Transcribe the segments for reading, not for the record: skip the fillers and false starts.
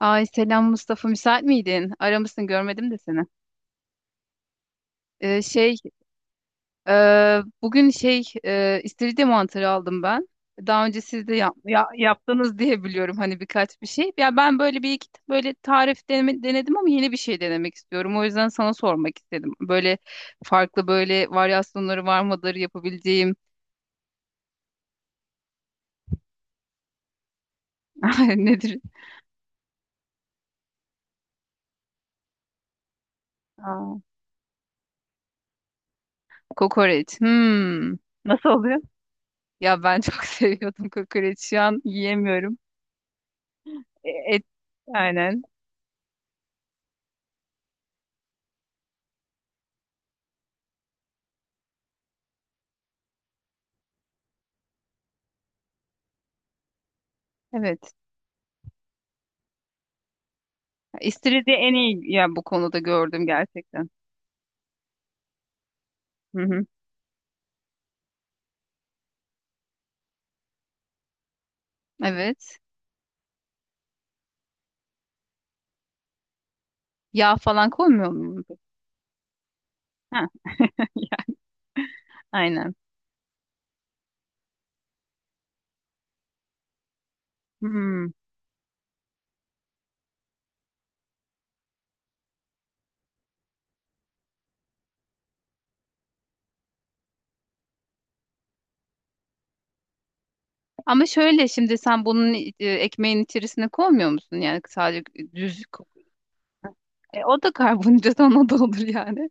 Ay, selam Mustafa, müsait miydin? Aramışsın, görmedim de seni. Ee, şey bugün istiridye mantarı aldım ben. Daha önce siz de yaptınız diye biliyorum, hani birkaç bir şey. Ya ben böyle bir iki böyle tarif denedim ama yeni bir şey denemek istiyorum. O yüzden sana sormak istedim. Böyle farklı böyle varyasyonları var mıdır yapabileceğim? Nedir? Aa, kokoreç. Hmm. Nasıl oluyor? Ya ben çok seviyordum kokoreç. Şu an yiyemiyorum. E, Et, aynen. Evet. İstiridye en iyi ya bu konuda, gördüm gerçekten. Hı hı. Evet. Yağ falan koymuyor mu? Ha. Ya, aynen. Hmm. Ama şöyle, şimdi sen bunun ekmeğin içerisine koymuyor musun? Yani sadece düz, o da karbonhidrat, ona da olur yani.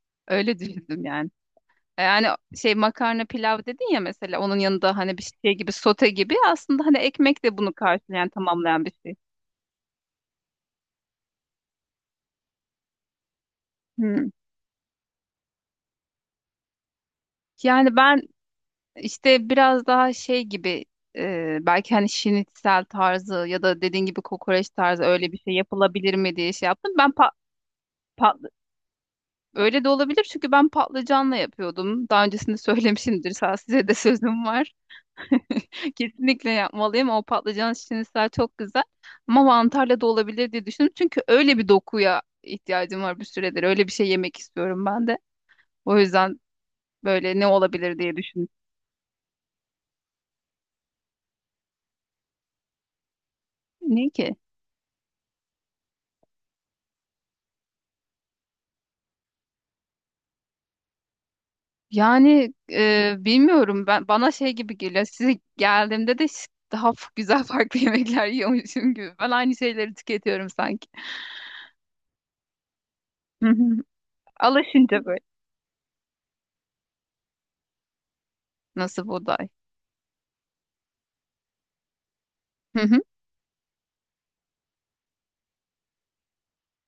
Öyle düşündüm yani. Yani makarna, pilav dedin ya mesela, onun yanında hani bir şey gibi, sote gibi. Aslında hani ekmek de bunu karşılayan, tamamlayan bir şey. Hmm. Yani ben İşte biraz daha şey gibi, belki hani şinitsel tarzı ya da dediğin gibi kokoreç tarzı öyle bir şey yapılabilir mi diye şey yaptım. Patlı- Öyle de olabilir çünkü ben patlıcanla yapıyordum daha öncesinde. Söylemişimdir. Sağ, size de sözüm var. Kesinlikle yapmalıyım. O patlıcan şinitsel çok güzel. Ama mantarla da olabilir diye düşündüm. Çünkü öyle bir dokuya ihtiyacım var bir süredir. Öyle bir şey yemek istiyorum ben de. O yüzden böyle ne olabilir diye düşündüm. Ne ki? Yani bilmiyorum, ben bana şey gibi geliyor. Size geldiğimde de daha güzel farklı yemekler yiyormuşum gibi. Ben aynı şeyleri tüketiyorum sanki. Hı hı. Alışınca böyle. Nasıl buğday? Hı hı.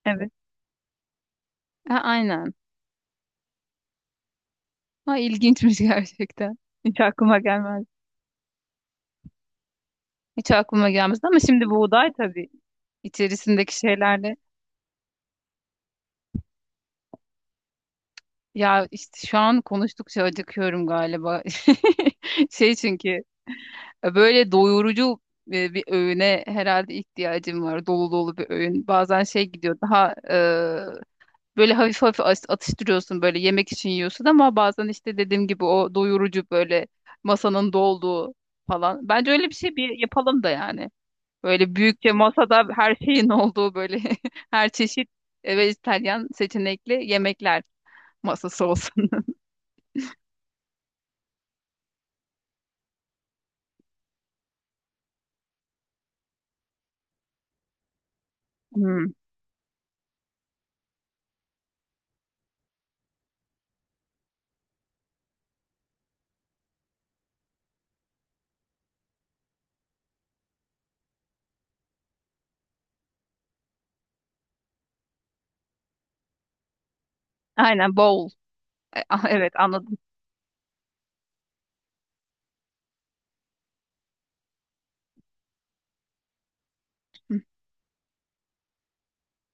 Evet. Ha, aynen. Ha, ilginçmiş gerçekten. Hiç aklıma gelmez. Hiç aklıma gelmezdi ama şimdi buğday tabii, içerisindeki şeylerle. Ya işte şu an konuştukça acıkıyorum galiba. Şey çünkü böyle doyurucu bir öğüne herhalde ihtiyacım var. Dolu dolu bir öğün. Bazen şey gidiyor daha, böyle hafif hafif atıştırıyorsun, böyle yemek için yiyorsun ama bazen işte dediğim gibi o doyurucu, böyle masanın dolduğu falan. Bence öyle bir şey bir yapalım da yani. Böyle büyükçe masada her şeyin olduğu, böyle her çeşit vejetaryen seçenekli yemekler masası olsun. Hmm. Aynen, bowl. Evet, anladım. Hı.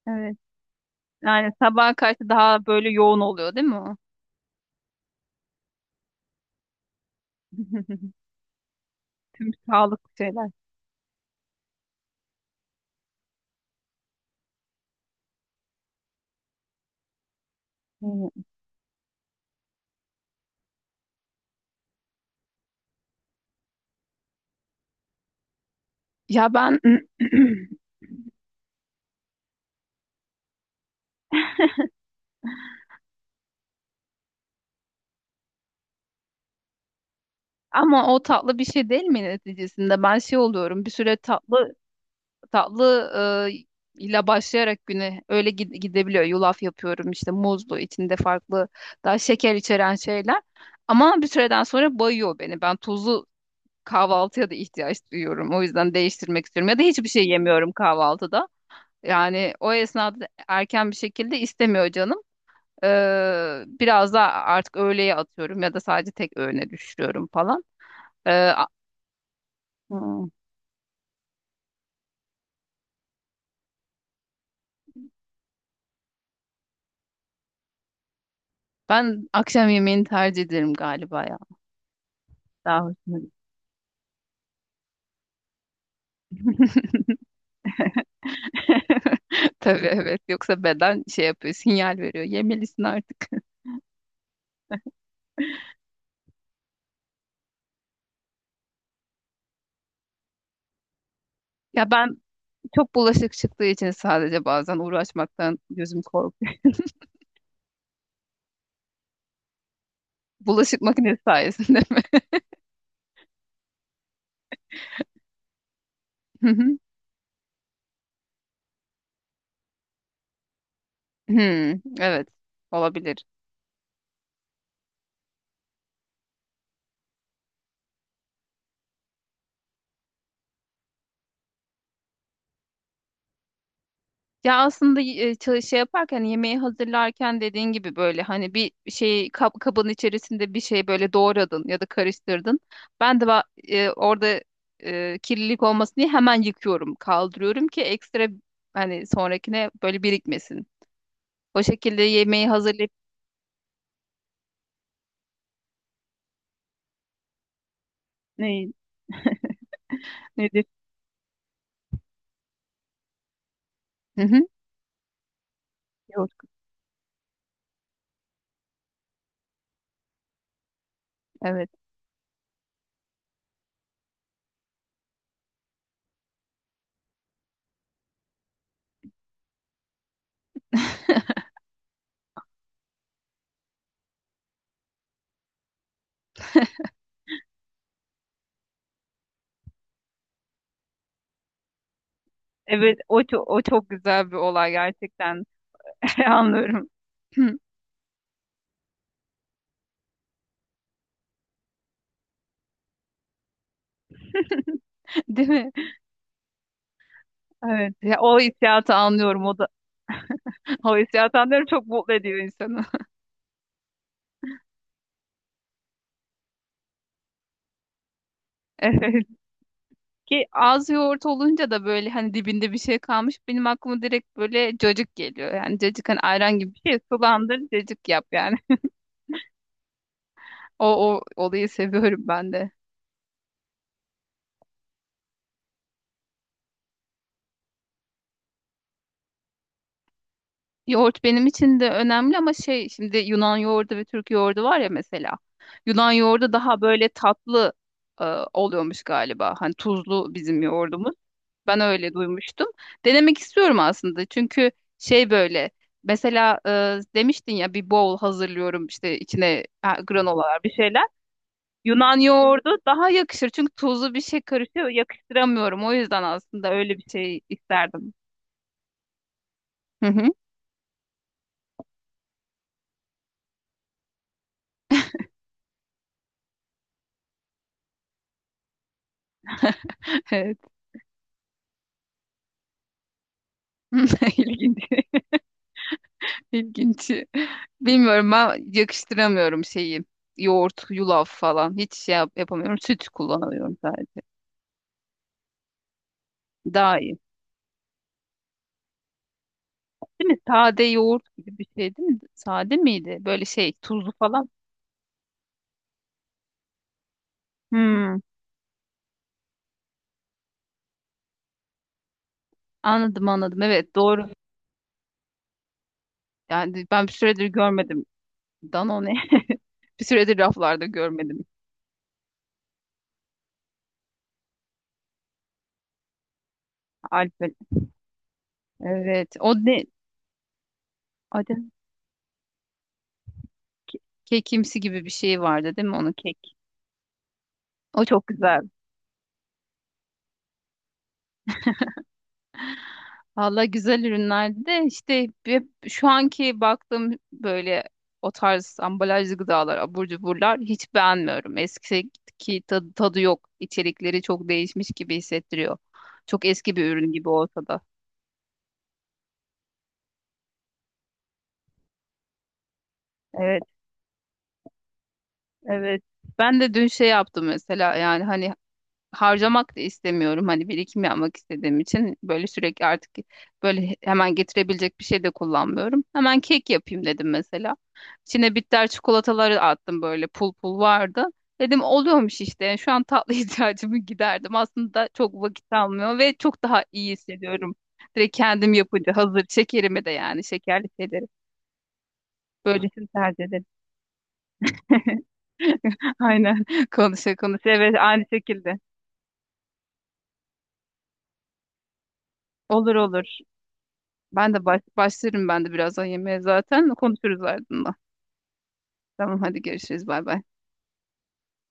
Evet. Yani sabaha karşı daha böyle yoğun oluyor değil mi o? Tüm sağlık şeyler. Yani ya ben ama o tatlı bir şey değil mi neticesinde? Ben şey oluyorum. Bir süre tatlı, tatlı ile başlayarak güne öyle gidebiliyor. Yulaf yapıyorum işte muzlu, içinde farklı daha şeker içeren şeyler. Ama bir süreden sonra bayıyor beni. Ben tuzlu kahvaltıya da ihtiyaç duyuyorum. O yüzden değiştirmek istiyorum. Ya da hiçbir şey yemiyorum kahvaltıda. Yani o esnada erken bir şekilde istemiyor canım. Biraz da artık öğleye atıyorum ya da sadece tek öğüne düşürüyorum falan. Ee, a- Hmm. Ben akşam yemeğini tercih ederim galiba ya. Daha hoşuma gidiyor. Tabii, evet. Yoksa beden şey yapıyor, sinyal veriyor. Yemelisin artık. Ya ben çok bulaşık çıktığı için sadece bazen uğraşmaktan gözüm korkuyor. Bulaşık makinesi sayesinde mi? Hmm, evet, olabilir. Ya aslında yaparken, hani yemeği hazırlarken dediğin gibi, böyle hani bir şey kabın içerisinde bir şey böyle doğradın ya da karıştırdın. Ben de orada kirlilik olmasın diye hemen yıkıyorum, kaldırıyorum ki ekstra hani sonrakine böyle birikmesin. O şekilde yemeği hazırlayıp. Ne, Nedir? Hı hı. Yok. Evet. Evet, o çok, o çok güzel bir olay gerçekten. Anlıyorum. Değil mi? Evet. Ya, o hissiyatı anlıyorum. O da o hissiyatları çok mutlu ediyor insanı. Evet. Ki az yoğurt olunca da böyle hani dibinde bir şey kalmış, benim aklıma direkt böyle cacık geliyor. Yani cacık hani ayran gibi bir şey. Sulandır, cacık yap yani. O, o olayı seviyorum ben de. Yoğurt benim için de önemli ama şey, şimdi Yunan yoğurdu ve Türk yoğurdu var ya mesela. Yunan yoğurdu daha böyle tatlı e, oluyormuş galiba. Hani tuzlu bizim yoğurdumuz. Ben öyle duymuştum. Denemek istiyorum aslında. Çünkü şey, böyle mesela demiştin ya bir bowl hazırlıyorum işte içine, ha, granolalar, bir şeyler. Yunan yoğurdu daha yakışır çünkü. Tuzlu bir şey karışıyor, yakıştıramıyorum. O yüzden aslında öyle bir şey isterdim. Hı hı. Evet. İlginç. İlginç. Bilmiyorum, ben yakıştıramıyorum şeyi. Yoğurt, yulaf falan. Hiç yapamıyorum. Süt kullanıyorum sadece. Daha iyi. Değil mi? Sade yoğurt gibi bir şey değil mi? Sade miydi? Böyle şey, tuzlu falan. Hmm, anladım, anladım. Evet, doğru. Yani ben bir süredir görmedim Danone. Bir süredir raflarda görmedim Alpen. Evet. O ne? Acaba kekimsi gibi bir şey vardı değil mi? Onun kek. O çok güzel. Valla güzel ürünlerdi de işte hep şu anki baktığım böyle o tarz ambalajlı gıdalar, abur cuburlar hiç beğenmiyorum. Eskiki tadı, tadı yok. İçerikleri çok değişmiş gibi hissettiriyor. Çok eski bir ürün gibi olsa da. Evet, evet. Ben de dün şey yaptım mesela, yani hani harcamak da istemiyorum. Hani birikim yapmak istediğim için böyle sürekli artık böyle hemen getirebilecek bir şey de kullanmıyorum. Hemen kek yapayım dedim mesela. İçine bitter çikolataları attım, böyle pul pul vardı. Dedim oluyormuş işte. Yani şu an tatlı ihtiyacımı giderdim. Aslında çok vakit almıyor ve çok daha iyi hissediyorum. Direkt kendim yapınca hazır şekerimi de, yani şekerli şeyleri. Böylesini tercih ederim. Aynen, konuşa konuşa, evet, aynı şekilde. Olur, olur. Ben de başlarım ben de birazdan yemeğe zaten. Konuşuruz ardından. Tamam, hadi görüşürüz. Bay bay.